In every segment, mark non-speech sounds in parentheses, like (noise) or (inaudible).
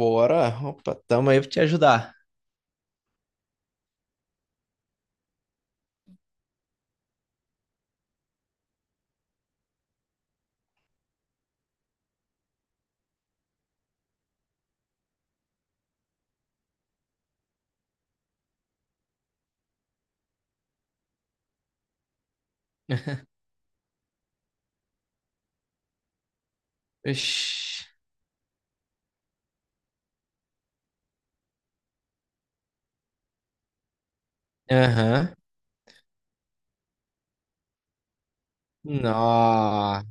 Bora. Opa, tamo aí pra te ajudar. (laughs) Oxi. Aham. Nó.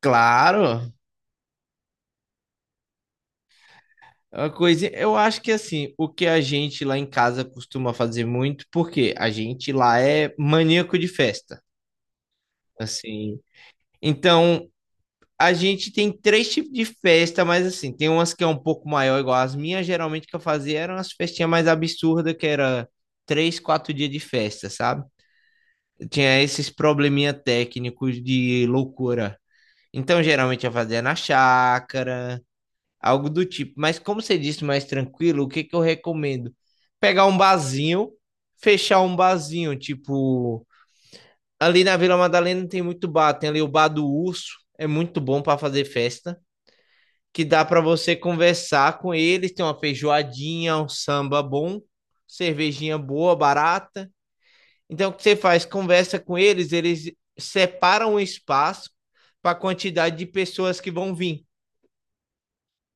Claro. É. Uma coisa, eu acho que assim, o que a gente lá em casa costuma fazer muito, porque a gente lá é maníaco de festa, assim. Então, a gente tem três tipos de festa, mas assim, tem umas que é um pouco maior, igual as minhas, geralmente que eu fazia eram as festinhas mais absurdas, que era 3, 4 dias de festa, sabe? Tinha esses probleminha técnicos de loucura. Então, geralmente eu fazia na chácara, algo do tipo. Mas como você disse, mais tranquilo, o que que eu recomendo? Pegar um barzinho, fechar um barzinho, tipo, ali na Vila Madalena tem muito bar, tem ali o bar do Urso, é muito bom para fazer festa, que dá para você conversar com eles, tem uma feijoadinha, um samba bom, cervejinha boa, barata. Então, o que você faz? Conversa com eles, eles separam o espaço para a quantidade de pessoas que vão vir,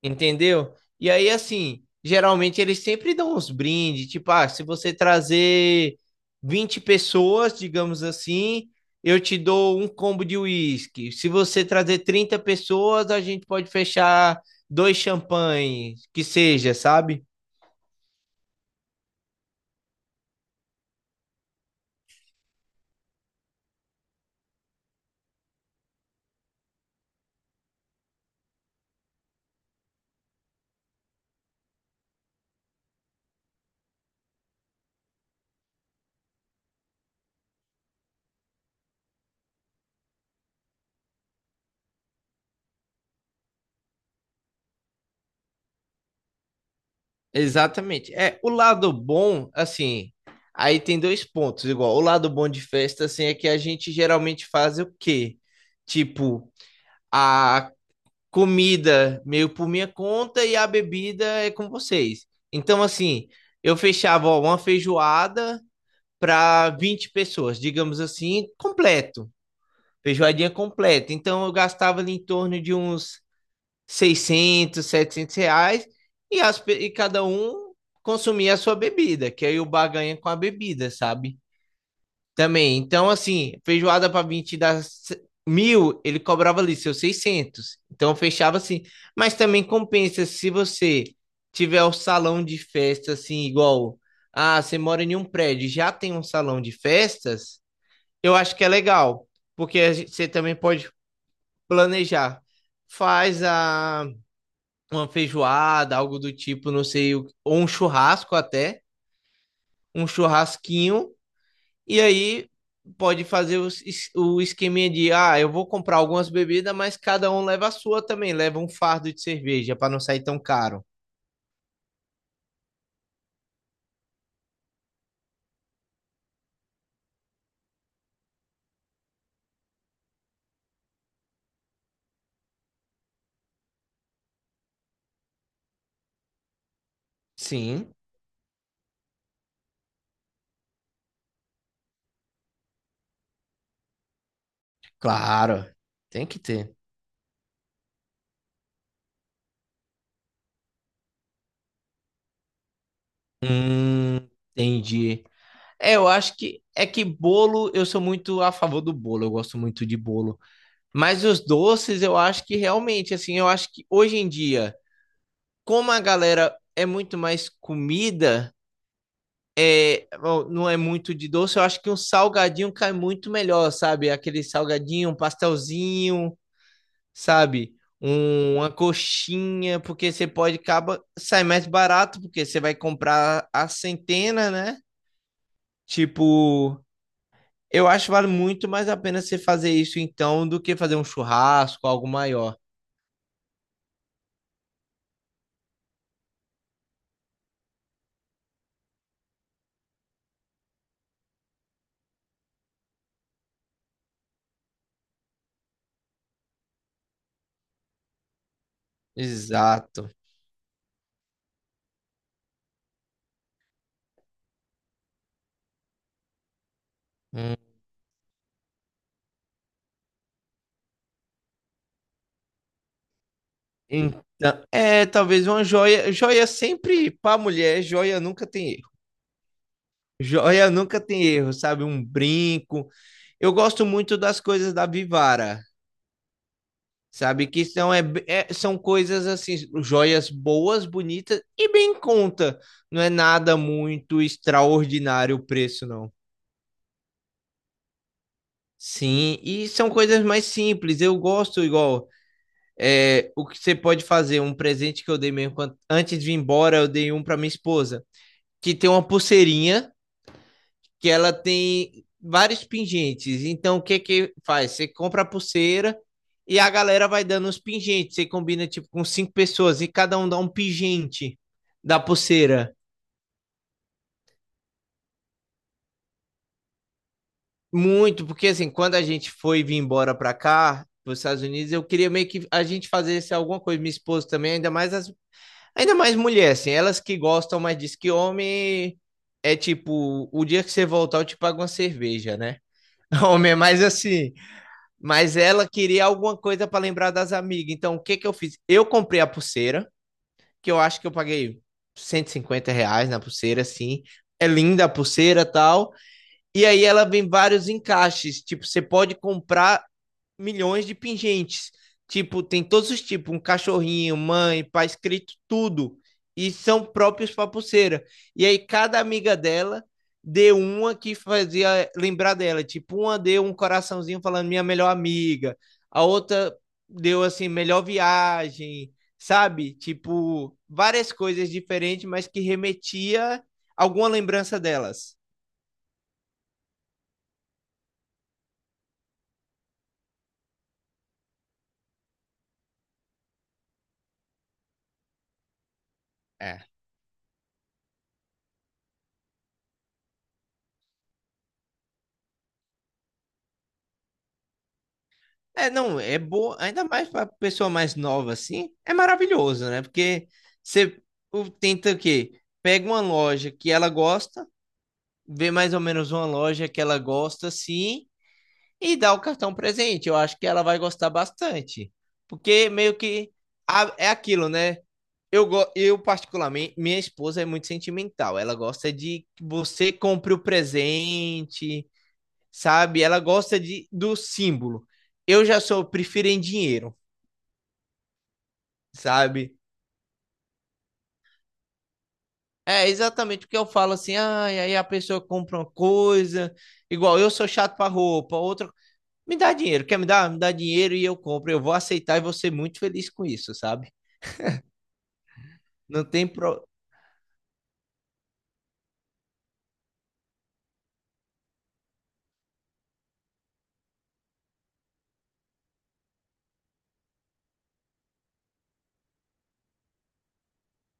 entendeu? E aí, assim, geralmente eles sempre dão uns brindes, tipo, ah, se você trazer 20 pessoas, digamos assim, eu te dou um combo de uísque. Se você trazer 30 pessoas, a gente pode fechar dois champanhes, que seja, sabe? Exatamente. É, o lado bom, assim, aí tem dois pontos, igual. O lado bom de festa, assim, é que a gente geralmente faz o quê? Tipo, a comida meio por minha conta e a bebida é com vocês. Então, assim, eu fechava, ó, uma feijoada para 20 pessoas, digamos assim, completo. Feijoadinha completa. Então, eu gastava ali em torno de uns 600, 700 reais e cada um consumir a sua bebida, que aí o bar ganha com a bebida, sabe? Também. Então, assim, feijoada para 20 dá mil, ele cobrava ali seus 600. Então, fechava assim. Mas também compensa se você tiver o salão de festa, assim, igual. Ah, você mora em um prédio, já tem um salão de festas. Eu acho que é legal, porque você também pode planejar. Faz a uma feijoada, algo do tipo, não sei, ou um churrasco até, um churrasquinho, e aí pode fazer o esqueminha de, ah, eu vou comprar algumas bebidas, mas cada um leva a sua também, leva um fardo de cerveja para não sair tão caro. Sim, claro, tem que ter. Entendi. É, eu acho que é que bolo, eu sou muito a favor do bolo, eu gosto muito de bolo. Mas os doces, eu acho que realmente, assim, eu acho que hoje em dia como a galera é muito mais comida, é, não é muito de doce, eu acho que um salgadinho cai muito melhor, sabe? Aquele salgadinho, um pastelzinho, sabe? Uma coxinha, porque você pode acaba sai mais barato, porque você vai comprar a centena, né? Tipo, eu acho que vale muito mais a pena você fazer isso então do que fazer um churrasco, algo maior. Exato. Então, é, talvez uma joia. Joia sempre para mulher, joia nunca tem erro. Joia nunca tem erro, sabe? Um brinco. Eu gosto muito das coisas da Vivara, sabe? Que são, é, são coisas assim, joias boas, bonitas e bem em conta. Não é nada muito extraordinário o preço, não. Sim, e são coisas mais simples. Eu gosto igual. É, o que você pode fazer, um presente que eu dei mesmo antes de ir embora, eu dei um para minha esposa, que tem uma pulseirinha que ela tem vários pingentes. Então, o que que faz? Você compra a pulseira e a galera vai dando os pingentes. Você combina tipo com cinco pessoas e cada um dá um pingente da pulseira. Muito, porque assim, quando a gente foi vir embora para cá, para os Estados Unidos, eu queria meio que a gente fazesse alguma coisa, minha esposa também, ainda mais mulher, assim, elas que gostam mais disso que homem é tipo, o dia que você voltar eu te pago uma cerveja, né? (laughs) Homem é mais assim. Mas ela queria alguma coisa para lembrar das amigas. Então, o que que eu fiz? Eu comprei a pulseira, que eu acho que eu paguei 150 reais na pulseira, assim. É linda a pulseira e tal. E aí ela vem vários encaixes. Tipo, você pode comprar milhões de pingentes. Tipo, tem todos os tipos, um cachorrinho, mãe, pai, escrito tudo. E são próprios para pulseira. E aí cada amiga dela deu uma que fazia lembrar dela. Tipo, uma deu um coraçãozinho falando minha melhor amiga. A outra deu assim, melhor viagem, sabe? Tipo, várias coisas diferentes, mas que remetia alguma lembrança delas. É, é, não, é boa, ainda mais para pessoa mais nova assim, é maravilhoso, né? Porque você tenta o quê? Pega uma loja que ela gosta, vê mais ou menos uma loja que ela gosta assim e dá o cartão presente. Eu acho que ela vai gostar bastante. Porque meio que é aquilo, né? Eu particularmente, minha esposa é muito sentimental. Ela gosta de que você compre o presente, sabe? Ela gosta de, do símbolo. Eu já sou, prefiro em dinheiro, sabe? É exatamente o que eu falo assim, ah, e aí a pessoa compra uma coisa, igual eu sou chato para roupa, outra, me dá dinheiro, quer me dar? Me dá dinheiro e eu compro, eu vou aceitar e vou ser muito feliz com isso, sabe? Não tem pro...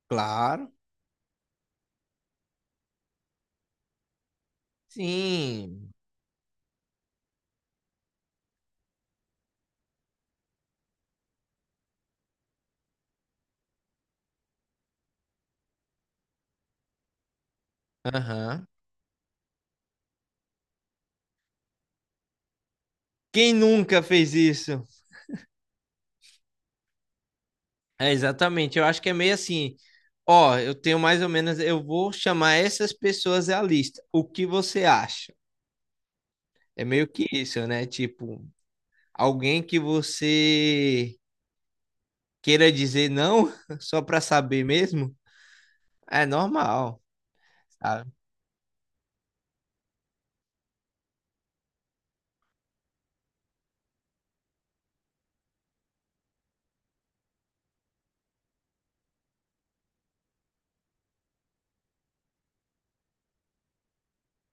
Claro, sim, aham. Quem nunca fez isso? É exatamente, eu acho que é meio assim, ó, eu tenho mais ou menos, eu vou chamar essas pessoas à lista, o que você acha? É meio que isso, né? Tipo, alguém que você queira dizer não (laughs) só para saber mesmo, é normal, sabe?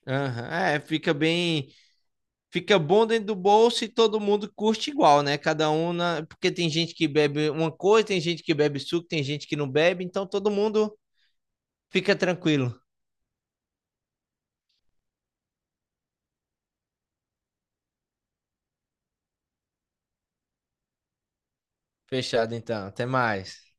Aham, é, fica bem, fica bom dentro do bolso e todo mundo curte igual, né? Cada um na, porque tem gente que bebe uma coisa, tem gente que bebe suco, tem gente que não bebe, então todo mundo fica tranquilo. Fechado então, até mais.